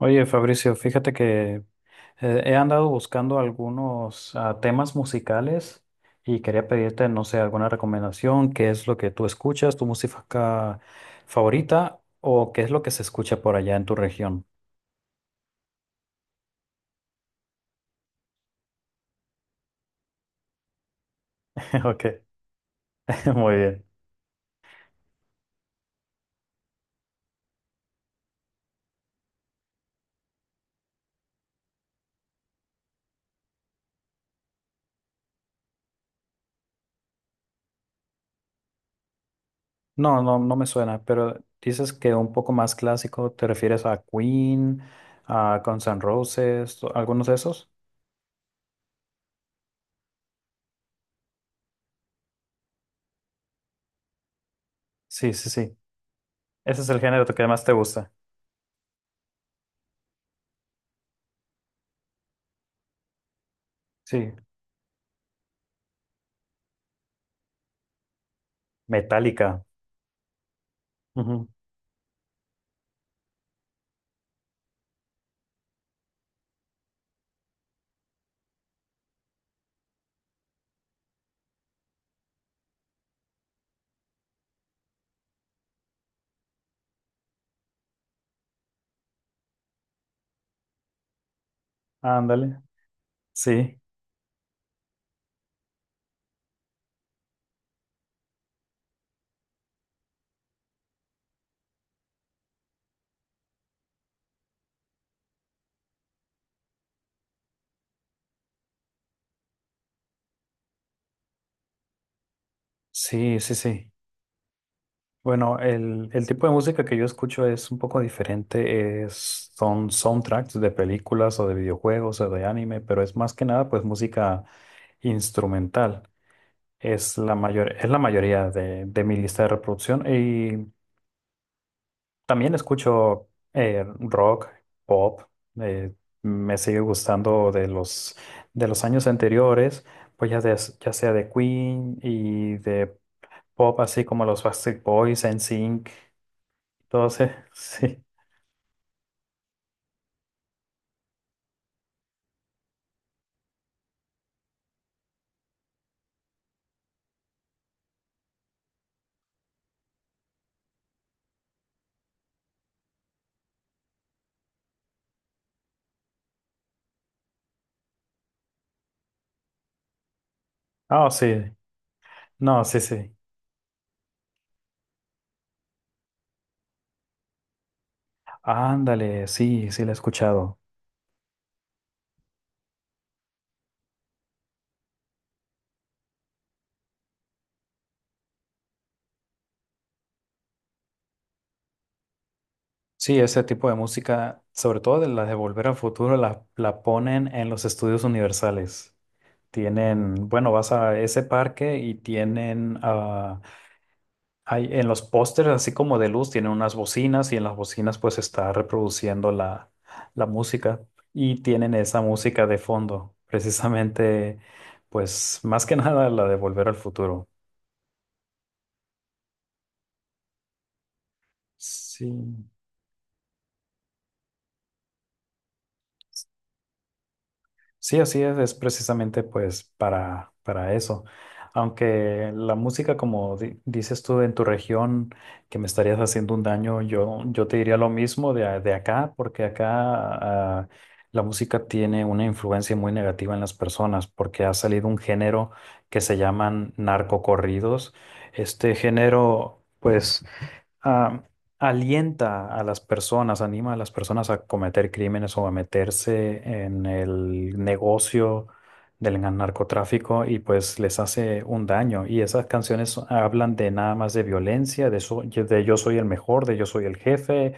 Oye, Fabricio, fíjate que he andado buscando algunos temas musicales y quería pedirte, no sé, alguna recomendación, qué es lo que tú escuchas, tu música favorita o qué es lo que se escucha por allá en tu región. Ok, muy bien. No, no, no me suena, pero dices que un poco más clásico, ¿te refieres a Queen, a Guns N' Roses, o algunos de esos? Sí, sí, sí. Ese es el género que más te gusta. Sí, Metallica. Ujú. Ándale. Sí, sí, sí, sí. Bueno, el tipo de música que yo escucho es un poco diferente. Es, son soundtracks de películas o de videojuegos o de anime, pero es más que nada pues música instrumental. Es la mayor, es la mayoría de mi lista de reproducción. Y también escucho rock, pop. eh, me sigue gustando de los años anteriores, pues ya, ya sea de Queen y de pop, así como los Backstreet Boys, NSYNC, todos, sí. Ah, sí, no, sí, sí. Ándale, sí, sí, la he escuchado. Sí, ese tipo de música, sobre todo de las de Volver al Futuro, la ponen en los estudios universales. Tienen, bueno, vas a ese parque y tienen Hay, en los pósters, así como de luz, tienen unas bocinas y en las bocinas pues está reproduciendo la música y tienen esa música de fondo, precisamente pues más que nada la de Volver al Futuro. Sí. Sí, así es precisamente pues para eso. Aunque la música, como dices tú en tu región, que me estarías haciendo un daño, yo te diría lo mismo de, de acá, porque acá ah, la música tiene una influencia muy negativa en las personas, porque ha salido un género que se llaman narcocorridos. Este género, pues ah, alienta a las personas, anima a las personas a cometer crímenes o a meterse en el negocio del narcotráfico y pues les hace un daño. Y esas canciones hablan de nada más de violencia, de, de yo soy el mejor, de yo soy el jefe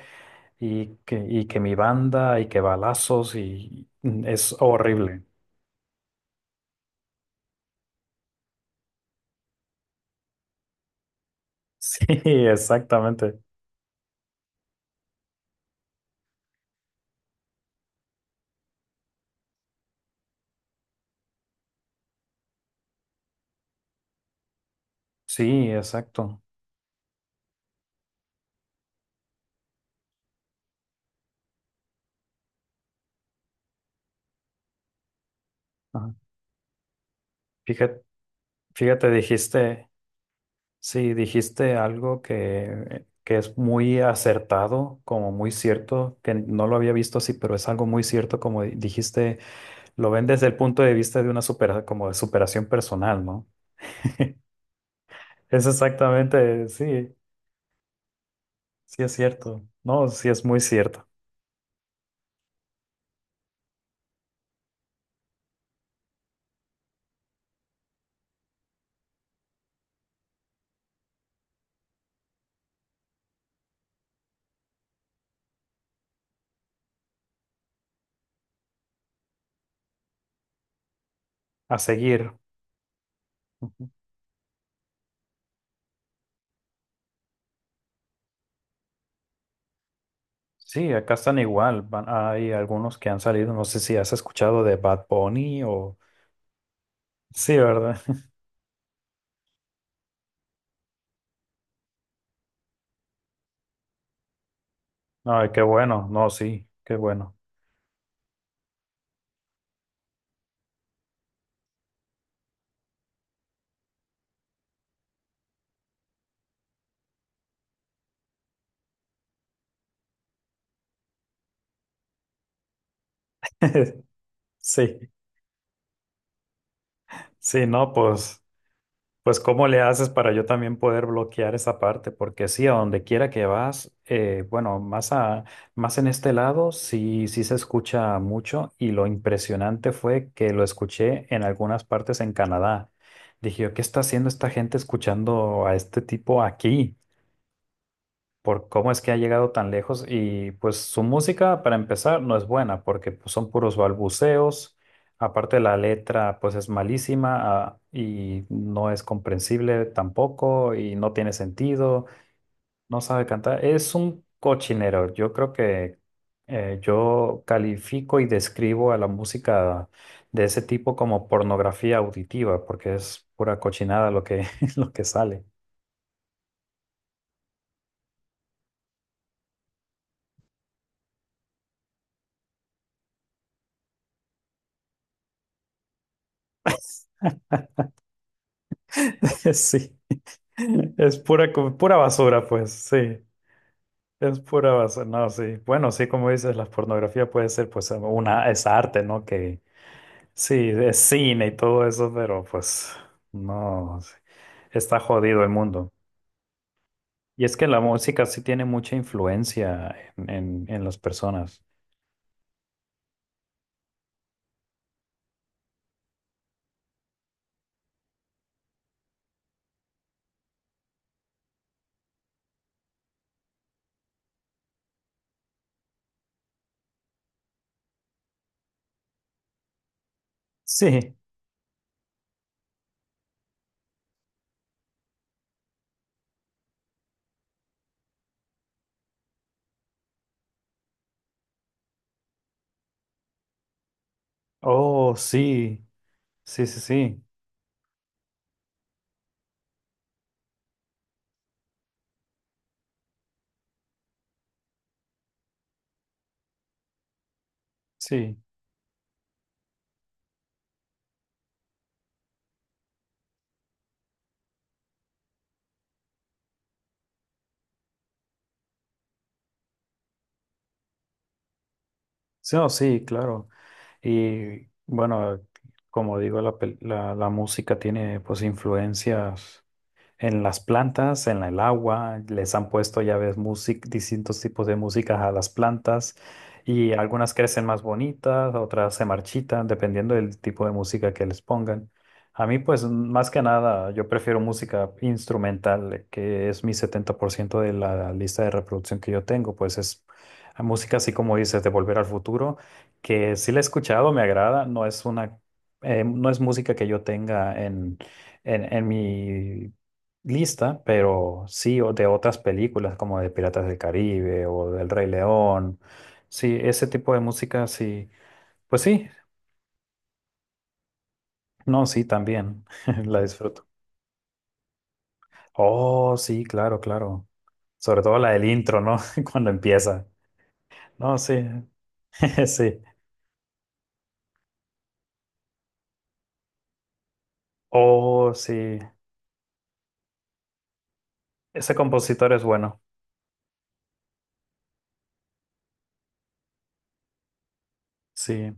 y que mi banda y que balazos y es horrible. Sí, exactamente. Sí, exacto. Ajá. Fíjate, fíjate, dijiste. Sí, dijiste algo que es muy acertado, como muy cierto, que no lo había visto así, pero es algo muy cierto, como dijiste, lo ven desde el punto de vista de una como de superación personal, ¿no? Es exactamente, sí, sí es cierto, no, sí es muy cierto. A seguir, sí, acá están igual, hay algunos que han salido, no sé si has escuchado de Bad Bunny o... Sí, ¿verdad? Ay, qué bueno, no, sí, qué bueno. Sí. Sí, no, pues Pues ¿cómo le haces para yo también poder bloquear esa parte? Porque sí, a donde quiera que vas, bueno, más, a, más en este lado sí, sí se escucha mucho y lo impresionante fue que lo escuché en algunas partes en Canadá. Dije, yo, ¿qué está haciendo esta gente escuchando a este tipo aquí? Por cómo es que ha llegado tan lejos y pues su música para empezar no es buena porque pues, son puros balbuceos, aparte la letra pues es malísima y no es comprensible tampoco y no tiene sentido, no sabe cantar, es un cochinero, yo creo que yo califico y describo a la música de ese tipo como pornografía auditiva porque es pura cochinada lo que, lo que sale. Sí. Es pura, pura basura, pues, sí. Es pura basura, no, sí. Bueno, sí, como dices, la pornografía puede ser, pues, una, es arte, ¿no? Que sí, es cine y todo eso, pero pues, no, sí. Está jodido el mundo. Y es que la música sí tiene mucha influencia en las personas. Sí. Oh, sí. Sí, sí, sí. Sí. Sí, no, sí, claro. Y bueno, como digo, la, la música tiene pues influencias en las plantas, en el agua, les han puesto, ya ves, músic distintos tipos de músicas a las plantas y algunas crecen más bonitas, otras se marchitan, dependiendo del tipo de música que les pongan. A mí, pues, más que nada, yo prefiero música instrumental, que es mi 70% de la lista de reproducción que yo tengo, pues es música así como dices, de Volver al Futuro, que sí la he escuchado, me agrada, no es una, no es música que yo tenga en mi lista, pero sí, o de otras películas como de Piratas del Caribe o del Rey León. Sí, ese tipo de música, sí. Pues sí, no, sí, también la disfruto. Oh, sí, claro, claro. Sobre todo la del intro, ¿no? Cuando empieza. No, sí, sí. Oh, sí. Ese compositor es bueno. Sí.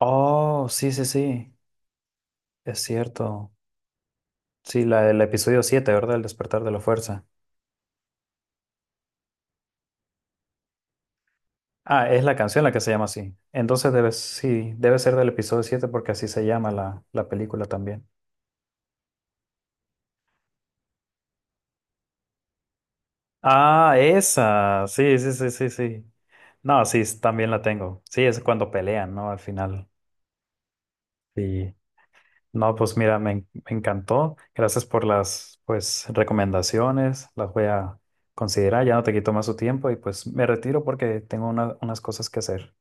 Oh, sí, sí, sí. Es cierto. Sí, la del episodio 7 ¿verdad? El despertar de la fuerza. Ah, es la canción la que se llama así. Entonces debe, sí, debe ser del episodio 7 porque así se llama la, la película también. Ah, esa. Sí, sí, sí, sí, sí. No, sí, también la tengo. Sí, es cuando pelean, ¿no? Al final. Sí. No, pues mira, me encantó. Gracias por las, pues, recomendaciones. Las voy a considerar. Ya no te quito más tu tiempo y pues me retiro porque tengo unas cosas que hacer.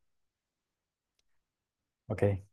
Ok.